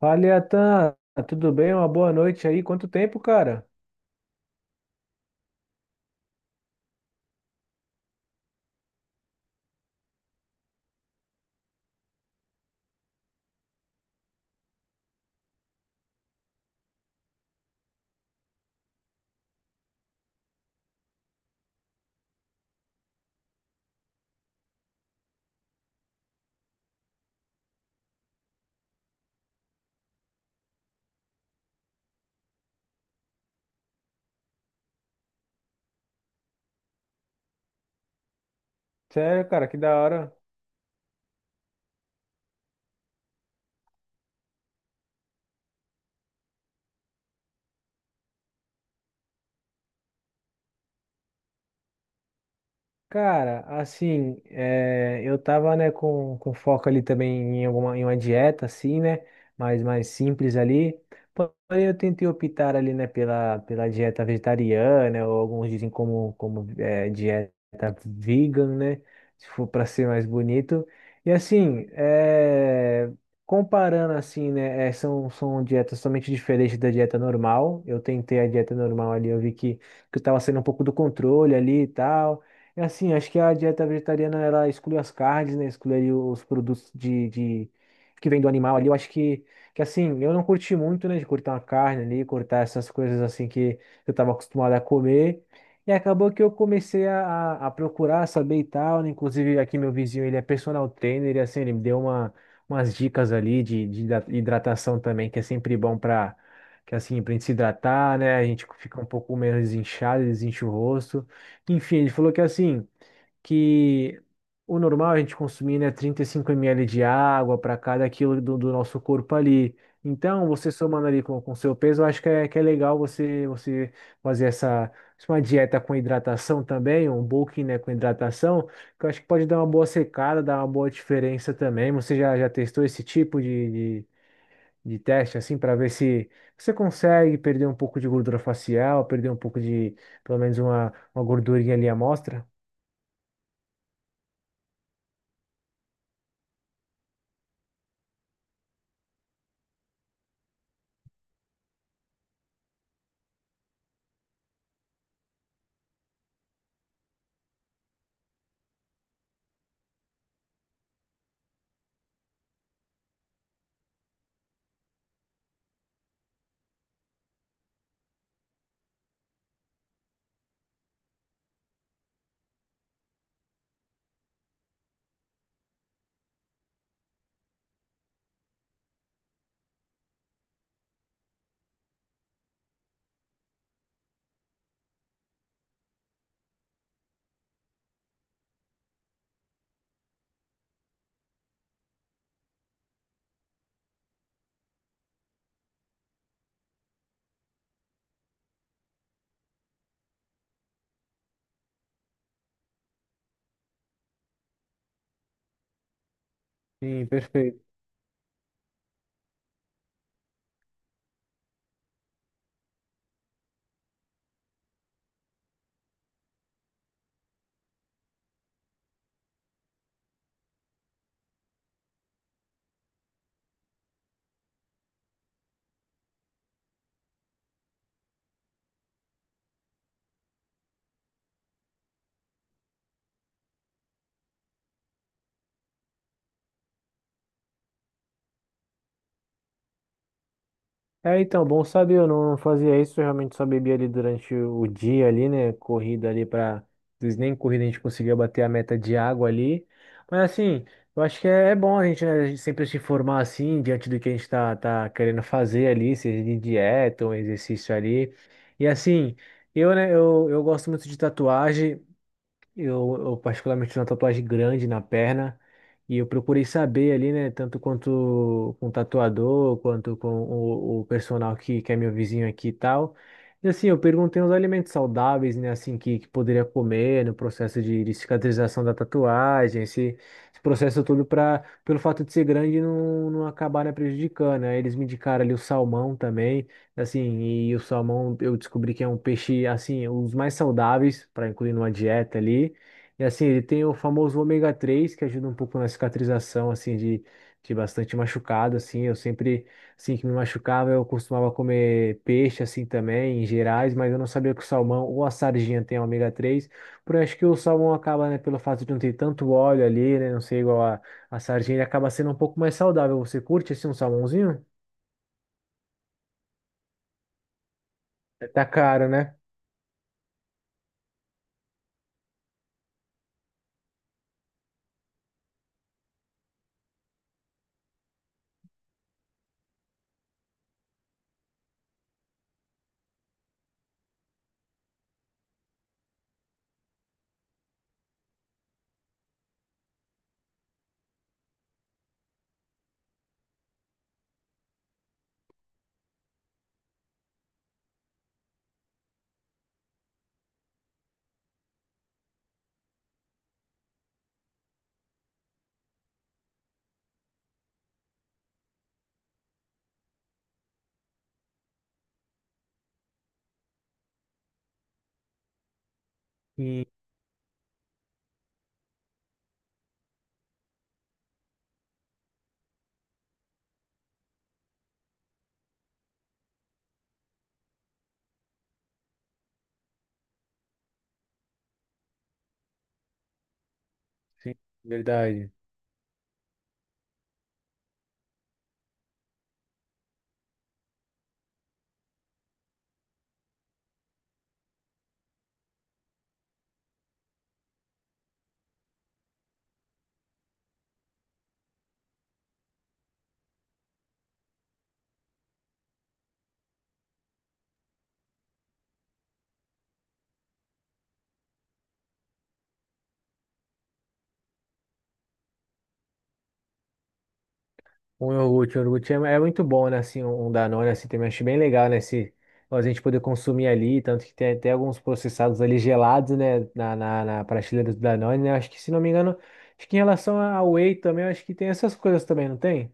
Fala, Iatan, tudo bem? Uma boa noite aí. Quanto tempo, cara? Sério, cara, que da hora. Cara, assim, eu tava, né, com foco ali também em alguma, em uma dieta, assim, né, mais simples ali, porém eu tentei optar ali, né, pela dieta vegetariana, ou alguns dizem como, como dieta vegan, né, se for para ser mais bonito, e assim, comparando assim, né, são dietas totalmente diferentes da dieta normal, eu tentei a dieta normal ali, eu vi que eu tava saindo um pouco do controle ali e tal, é assim, acho que a dieta vegetariana ela exclui as carnes, né? Exclui ali os produtos que vem do animal ali. Eu acho que assim, eu não curti muito, né? De cortar uma carne ali, cortar essas coisas assim que eu estava acostumado a comer. E acabou que eu comecei a, a procurar saber e tal, né? Inclusive aqui meu vizinho, ele é personal trainer e assim, ele me deu uma, umas dicas ali de hidratação também, que é sempre bom para que assim, para gente se hidratar, né? A gente fica um pouco menos inchado, desincha o rosto. Enfim, ele falou que assim, que o normal é a gente consumir, né, 35 ml de água para cada quilo do nosso corpo ali. Então, você somando ali com o seu peso, eu acho que é legal você, você fazer essa uma dieta com hidratação também, um bulking, né, com hidratação, que eu acho que pode dar uma boa secada, dar uma boa diferença também. Você já, já testou esse tipo de, de teste, assim, para ver se você consegue perder um pouco de gordura facial, perder um pouco de, pelo menos uma gordurinha ali à mostra? Sim, perfeito. É, então, bom saber, eu não, não fazia isso, eu realmente só bebia ali durante o dia ali, né, corrida ali para, às vezes nem corrida a gente conseguia bater a meta de água ali, mas assim, eu acho que é, é bom a gente, né, a gente sempre se informar assim, diante do que a gente tá, tá querendo fazer ali, seja de dieta ou exercício ali, e assim... Eu, né, eu gosto muito de tatuagem. Eu particularmente tenho uma tatuagem grande na perna e eu procurei saber ali, né, tanto quanto com o tatuador, quanto com o personal que é meu vizinho aqui e tal. E assim, eu perguntei os alimentos saudáveis, né, assim, que poderia comer no processo de cicatrização da tatuagem, esse processo todo para, pelo fato de ser grande, não, não acabar, né, prejudicando. Aí eles me indicaram ali o salmão também. Assim, e o salmão eu descobri que é um peixe, assim, um dos mais saudáveis para incluir numa dieta ali. E assim, ele tem o famoso ômega 3 que ajuda um pouco na cicatrização, assim, de bastante machucado, assim. Eu sempre, assim, que me machucava, eu costumava comer peixe, assim, também, em gerais, mas eu não sabia que o salmão ou a sardinha tem ômega 3. Por acho que o salmão acaba, né, pelo fato de não ter tanto óleo ali, né, não ser igual a sardinha, ele acaba sendo um pouco mais saudável. Você curte, assim, um salmãozinho? Tá caro, né? Sim, verdade. Um iogurte é, é muito bom, né? Assim, um Danone, assim, também acho bem legal, né? Se a gente poder consumir ali, tanto que tem até alguns processados ali gelados, né? Na prateleira do Danone, né? Acho que, se não me engano, acho que em relação ao Whey também, acho que tem essas coisas também, não tem?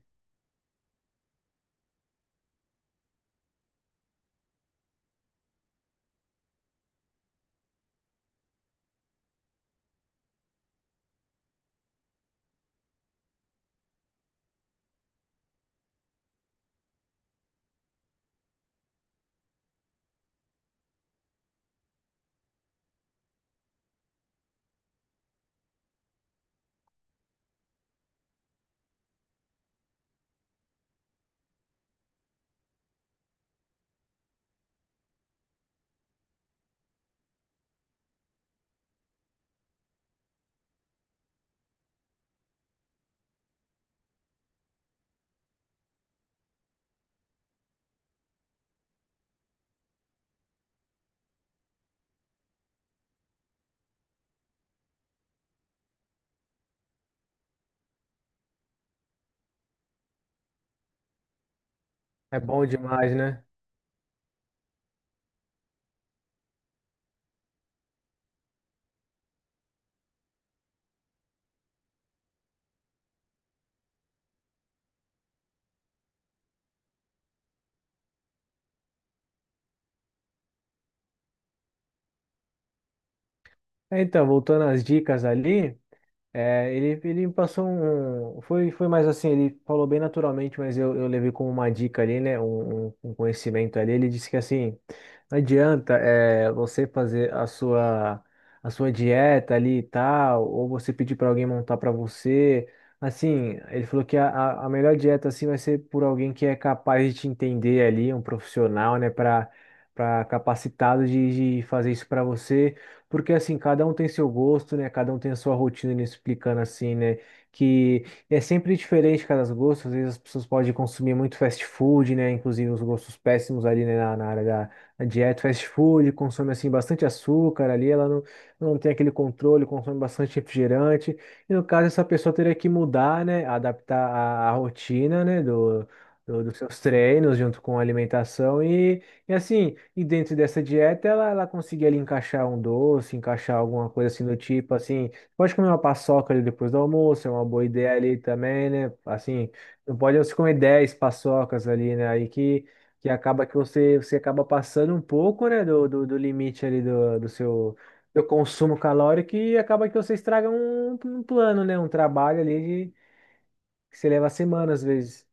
É bom demais, né? É, então, voltando às dicas ali. É, ele me passou um. Foi, foi mais assim, ele falou bem naturalmente, mas eu levei como uma dica ali, né? Um, um conhecimento ali. Ele disse que assim, não adianta é, você fazer a sua dieta ali e tal, ou você pedir para alguém montar para você. Assim, ele falou que a, a melhor dieta assim vai ser por alguém que é capaz de te entender ali, um profissional, né? Para capacitado de fazer isso para você. Porque assim, cada um tem seu gosto, né? Cada um tem a sua rotina, né? Explicando assim, né? Que é sempre diferente cada gosto. Às vezes as pessoas podem consumir muito fast food, né? Inclusive uns gostos péssimos ali, né? Na, na área da dieta, fast food, consome assim bastante açúcar ali, ela não, não tem aquele controle, consome bastante refrigerante. E no caso, essa pessoa teria que mudar, né? Adaptar a rotina, né? Dos seus treinos junto com a alimentação e assim, e dentro dessa dieta, ela conseguia ali encaixar um doce, encaixar alguma coisa assim do tipo, assim, pode comer uma paçoca ali depois do almoço, é uma boa ideia ali também, né? Assim, não pode você comer 10 paçocas ali, né? Aí que acaba que você, você acaba passando um pouco, né, do limite ali do seu do consumo calórico e acaba que você estraga um, um plano, né? Um trabalho ali de, que você leva semanas às vezes.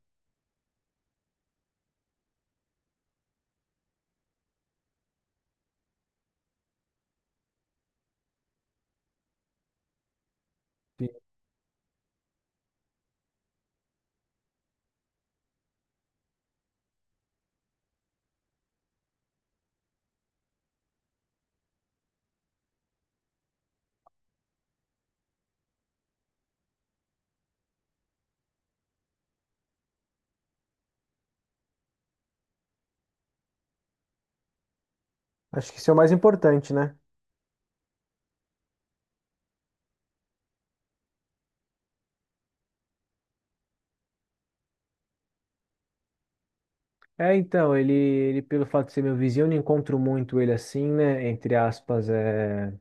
Acho que isso é o mais importante, né? É, então, ele, pelo fato de ser meu vizinho, eu não encontro muito ele assim, né? Entre aspas, é,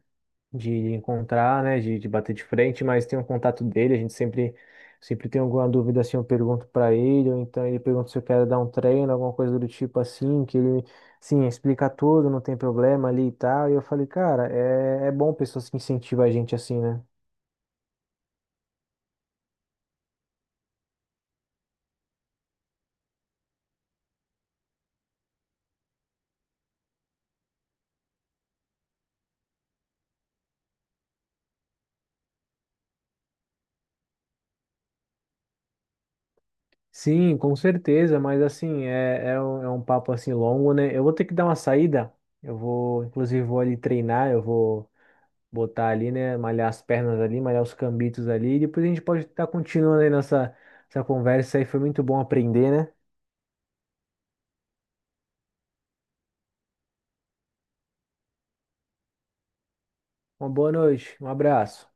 de encontrar, né? De bater de frente, mas tem um contato dele, a gente sempre, sempre tem alguma dúvida assim, eu pergunto pra ele, ou então ele pergunta se eu quero dar um treino, alguma coisa do tipo assim, que ele, sim, explica tudo, não tem problema ali e tal. E eu falei, cara, é, é bom pessoas que incentivam a gente assim, né? Sim, com certeza, mas assim, é, é um papo assim longo, né? Eu vou ter que dar uma saída. Eu vou, inclusive, vou ali treinar, eu vou botar ali, né? Malhar as pernas ali, malhar os cambitos ali. E depois a gente pode estar continuando aí nossa essa conversa aí. Foi muito bom aprender, né? Uma boa noite, um abraço.